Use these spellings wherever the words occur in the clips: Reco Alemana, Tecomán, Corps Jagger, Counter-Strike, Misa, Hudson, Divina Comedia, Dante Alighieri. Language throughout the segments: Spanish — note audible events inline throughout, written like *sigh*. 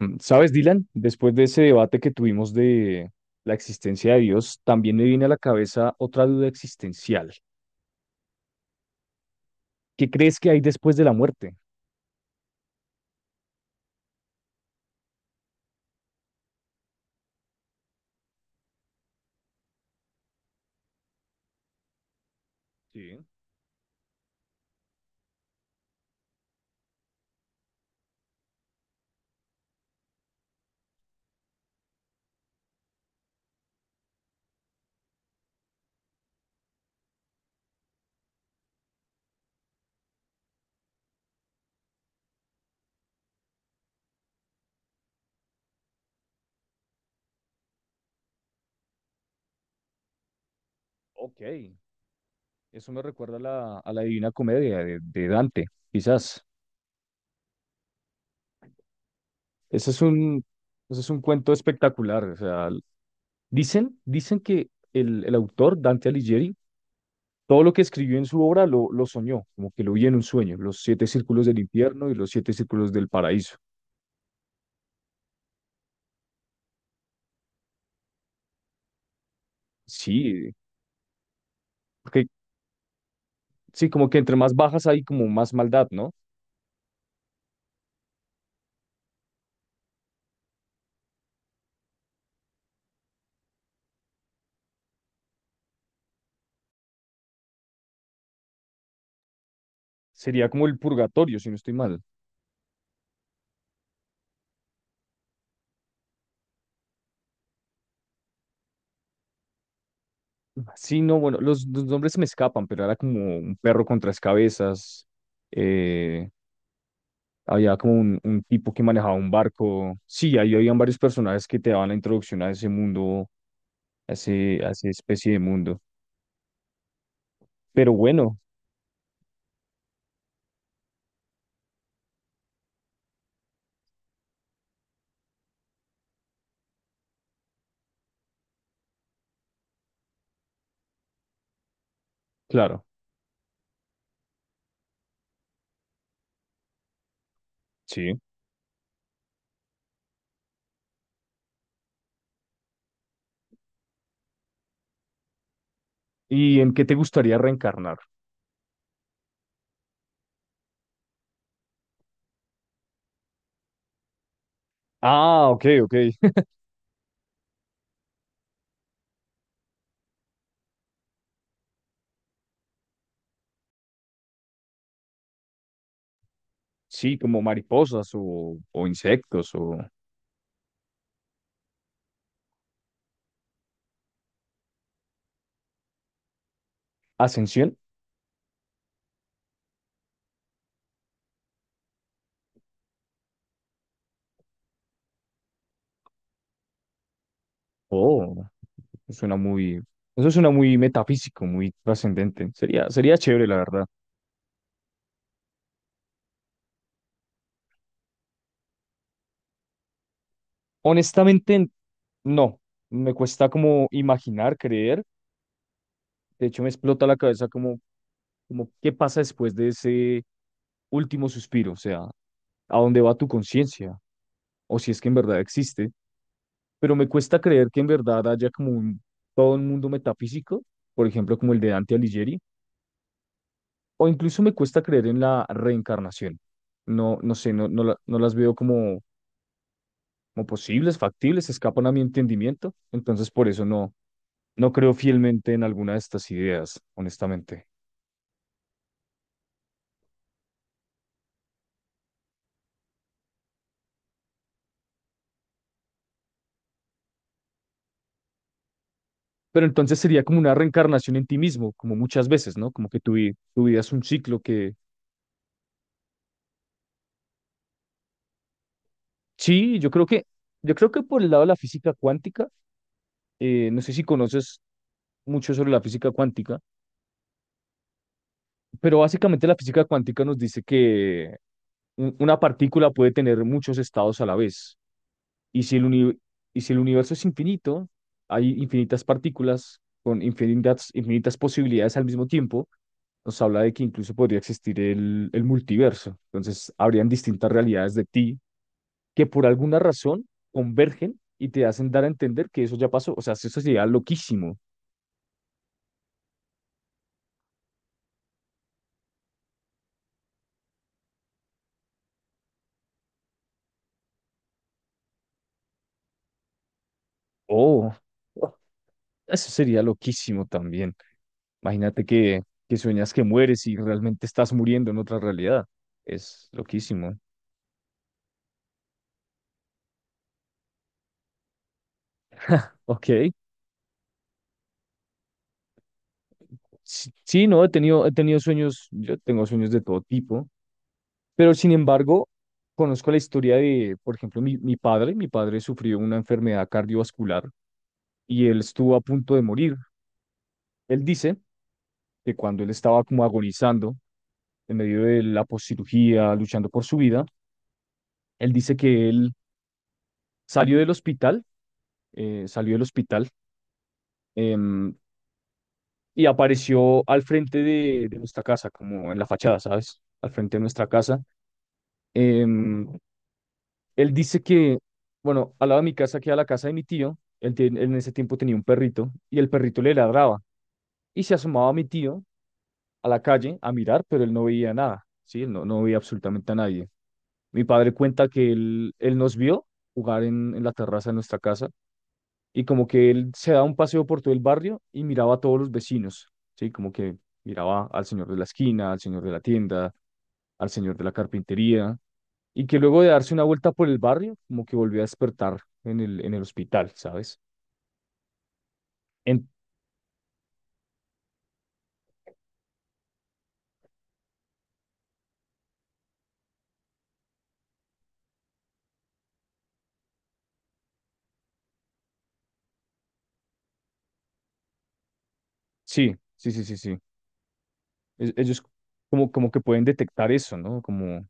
¿Sabes, Dylan? Después de ese debate que tuvimos de la existencia de Dios, también me viene a la cabeza otra duda existencial. ¿Qué crees que hay después de la muerte? Sí, ok. Eso me recuerda a la Divina Comedia de Dante, quizás. Ese es un, Ese es un cuento espectacular. O sea, dicen que el autor, Dante Alighieri, todo lo que escribió en su obra lo soñó, como que lo vi en un sueño, los siete círculos del infierno y los siete círculos del paraíso. Sí, porque. Sí, como que entre más bajas hay como más maldad, ¿no? Sería como el purgatorio, si no estoy mal. Sí, no, bueno, los nombres se me escapan, pero era como un perro con tres cabezas. eh, Había como un tipo que manejaba un barco. Sí, ahí habían varios personajes que te daban la introducción a ese mundo, a esa especie de mundo. Pero bueno, claro, sí. ¿Y en qué te gustaría reencarnar? Ah, ok, ok. *laughs* Sí, como mariposas o insectos o ascensión. Oh. Suena muy, Eso suena muy metafísico, muy trascendente. Sería, sería chévere, la verdad. Honestamente, no. Me cuesta como imaginar, creer. De hecho, me explota la cabeza como qué pasa después de ese último suspiro, o sea, a dónde va tu conciencia, o si es que en verdad existe. Pero me cuesta creer que en verdad haya todo un mundo metafísico, por ejemplo, como el de Dante Alighieri, o incluso me cuesta creer en la reencarnación. No, no sé, no, no, no las veo como posibles, factibles, escapan a mi entendimiento. Entonces, por eso no creo fielmente en alguna de estas ideas, honestamente. Pero entonces sería como una reencarnación en ti mismo, como muchas veces, ¿no? Como que tu vida es un ciclo que... Sí, yo creo que por el lado de la física cuántica, no sé si conoces mucho sobre la física cuántica, pero básicamente la física cuántica nos dice que una partícula puede tener muchos estados a la vez. Y si el uni- y si el universo es infinito, hay infinitas partículas con infinitas, infinitas posibilidades al mismo tiempo, nos habla de que incluso podría existir el multiverso. Entonces, habrían distintas realidades de ti que por alguna razón convergen y te hacen dar a entender que eso ya pasó. O sea, eso sería loquísimo. Oh, eso sería loquísimo también. Imagínate que sueñas que mueres y realmente estás muriendo en otra realidad. Es loquísimo. Ok. Sí, sí, no, he tenido sueños, yo tengo sueños de todo tipo, pero sin embargo, conozco la historia de, por ejemplo, mi padre. Mi padre sufrió una enfermedad cardiovascular y él estuvo a punto de morir. Él dice que cuando él estaba como agonizando en medio de la poscirugía, luchando por su vida, él dice que él salió del hospital, salió del hospital, em, y apareció al frente de nuestra casa, como en la fachada, ¿sabes? Al frente de nuestra casa. em, Él dice que, bueno, al lado de mi casa queda la casa de mi tío. Él en ese tiempo tenía un perrito y el perrito le ladraba y se asomaba a mi tío a la calle a mirar, pero él no veía nada, ¿sí? Él no veía absolutamente a nadie. Mi padre cuenta que él nos vio jugar en la terraza de nuestra casa y como que él se daba un paseo por todo el barrio y miraba a todos los vecinos, ¿sí? Como que miraba al señor de la esquina, al señor de la tienda, al señor de la carpintería y que luego de darse una vuelta por el barrio, como que volvió a despertar en en el hospital, ¿sabes? En, sí, sí, sí, sí, sí. Ellos como que pueden detectar eso, ¿no? Como,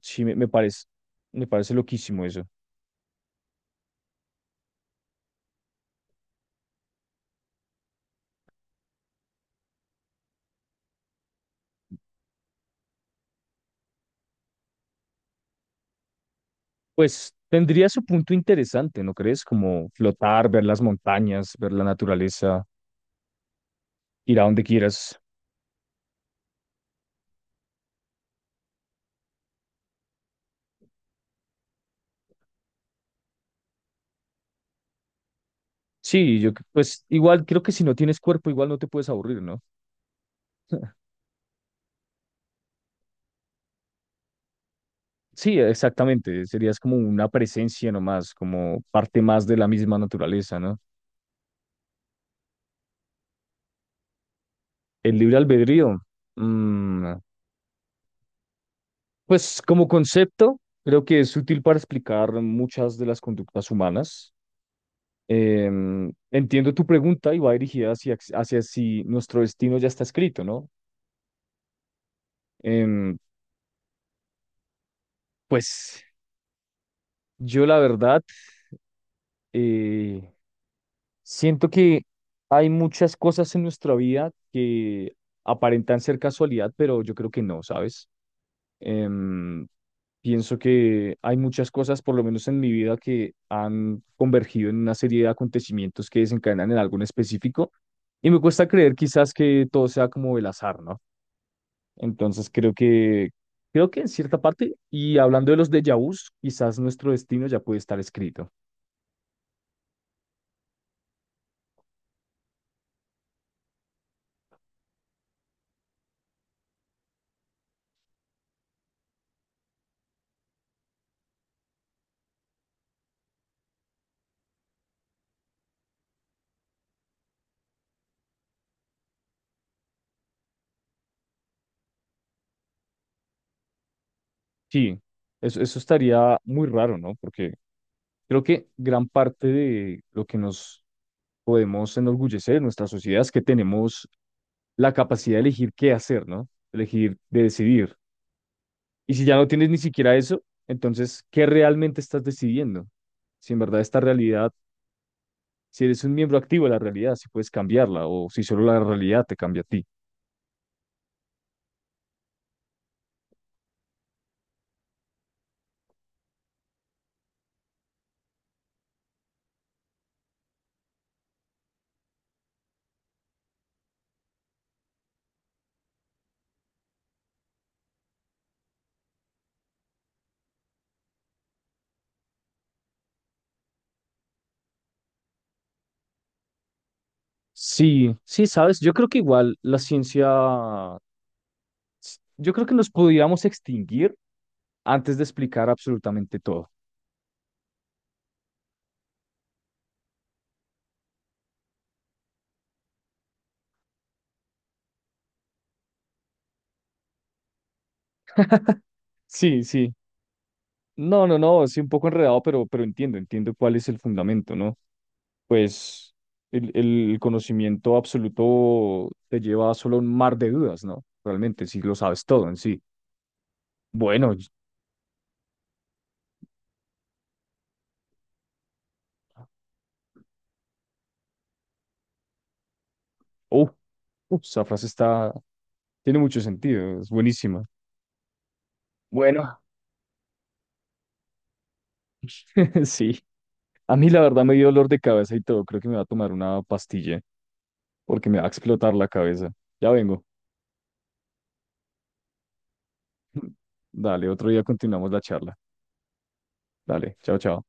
sí, me parece loquísimo eso. Pues tendría su punto interesante, ¿no crees? Como flotar, ver las montañas, ver la naturaleza, ir a donde quieras. Sí, yo pues igual creo que si no tienes cuerpo, igual no te puedes aburrir, ¿no? Sí, exactamente. Serías como una presencia nomás, como parte más de la misma naturaleza, ¿no? El libre albedrío. mm, pues como concepto, creo que es útil para explicar muchas de las conductas humanas. Entiendo tu pregunta y va dirigida hacia si nuestro destino ya está escrito, ¿no? Em, pues yo la verdad eh, siento que hay muchas cosas en nuestra vida que aparentan ser casualidad, pero yo creo que no, ¿sabes? Em, Pienso que hay muchas cosas, por lo menos en mi vida, que han convergido en una serie de acontecimientos que desencadenan en algo en específico. Y me cuesta creer quizás que todo sea como el azar, ¿no? Entonces creo que en cierta parte, y hablando de los déjà vus, quizás nuestro destino ya puede estar escrito. Sí, eso estaría muy raro, ¿no? Porque creo que gran parte de lo que nos podemos enorgullecer en nuestra sociedad es que tenemos la capacidad de elegir qué hacer, ¿no? Elegir, de decidir. Y si ya no tienes ni siquiera eso, entonces, ¿qué realmente estás decidiendo? Si en verdad esta realidad, si eres un miembro activo de la realidad, si puedes cambiarla o si solo la realidad te cambia a ti. Sí, sí, sabes, yo creo que igual la ciencia, yo creo que nos pudiéramos extinguir antes de explicar absolutamente todo. Sí, sí. No, no, no, sí, un poco enredado, pero entiendo cuál es el fundamento, ¿no? Pues el, el conocimiento absoluto te lleva solo a un mar de dudas, ¿no? Realmente, si lo sabes todo en sí. Bueno, uh, esa frase está, tiene mucho sentido, es buenísima. Bueno, *laughs* sí. A mí la verdad me dio dolor de cabeza y todo. Creo que me va a tomar una pastilla porque me va a explotar la cabeza. Ya vengo. *laughs* Dale, otro día continuamos la charla. Dale, chao, chao.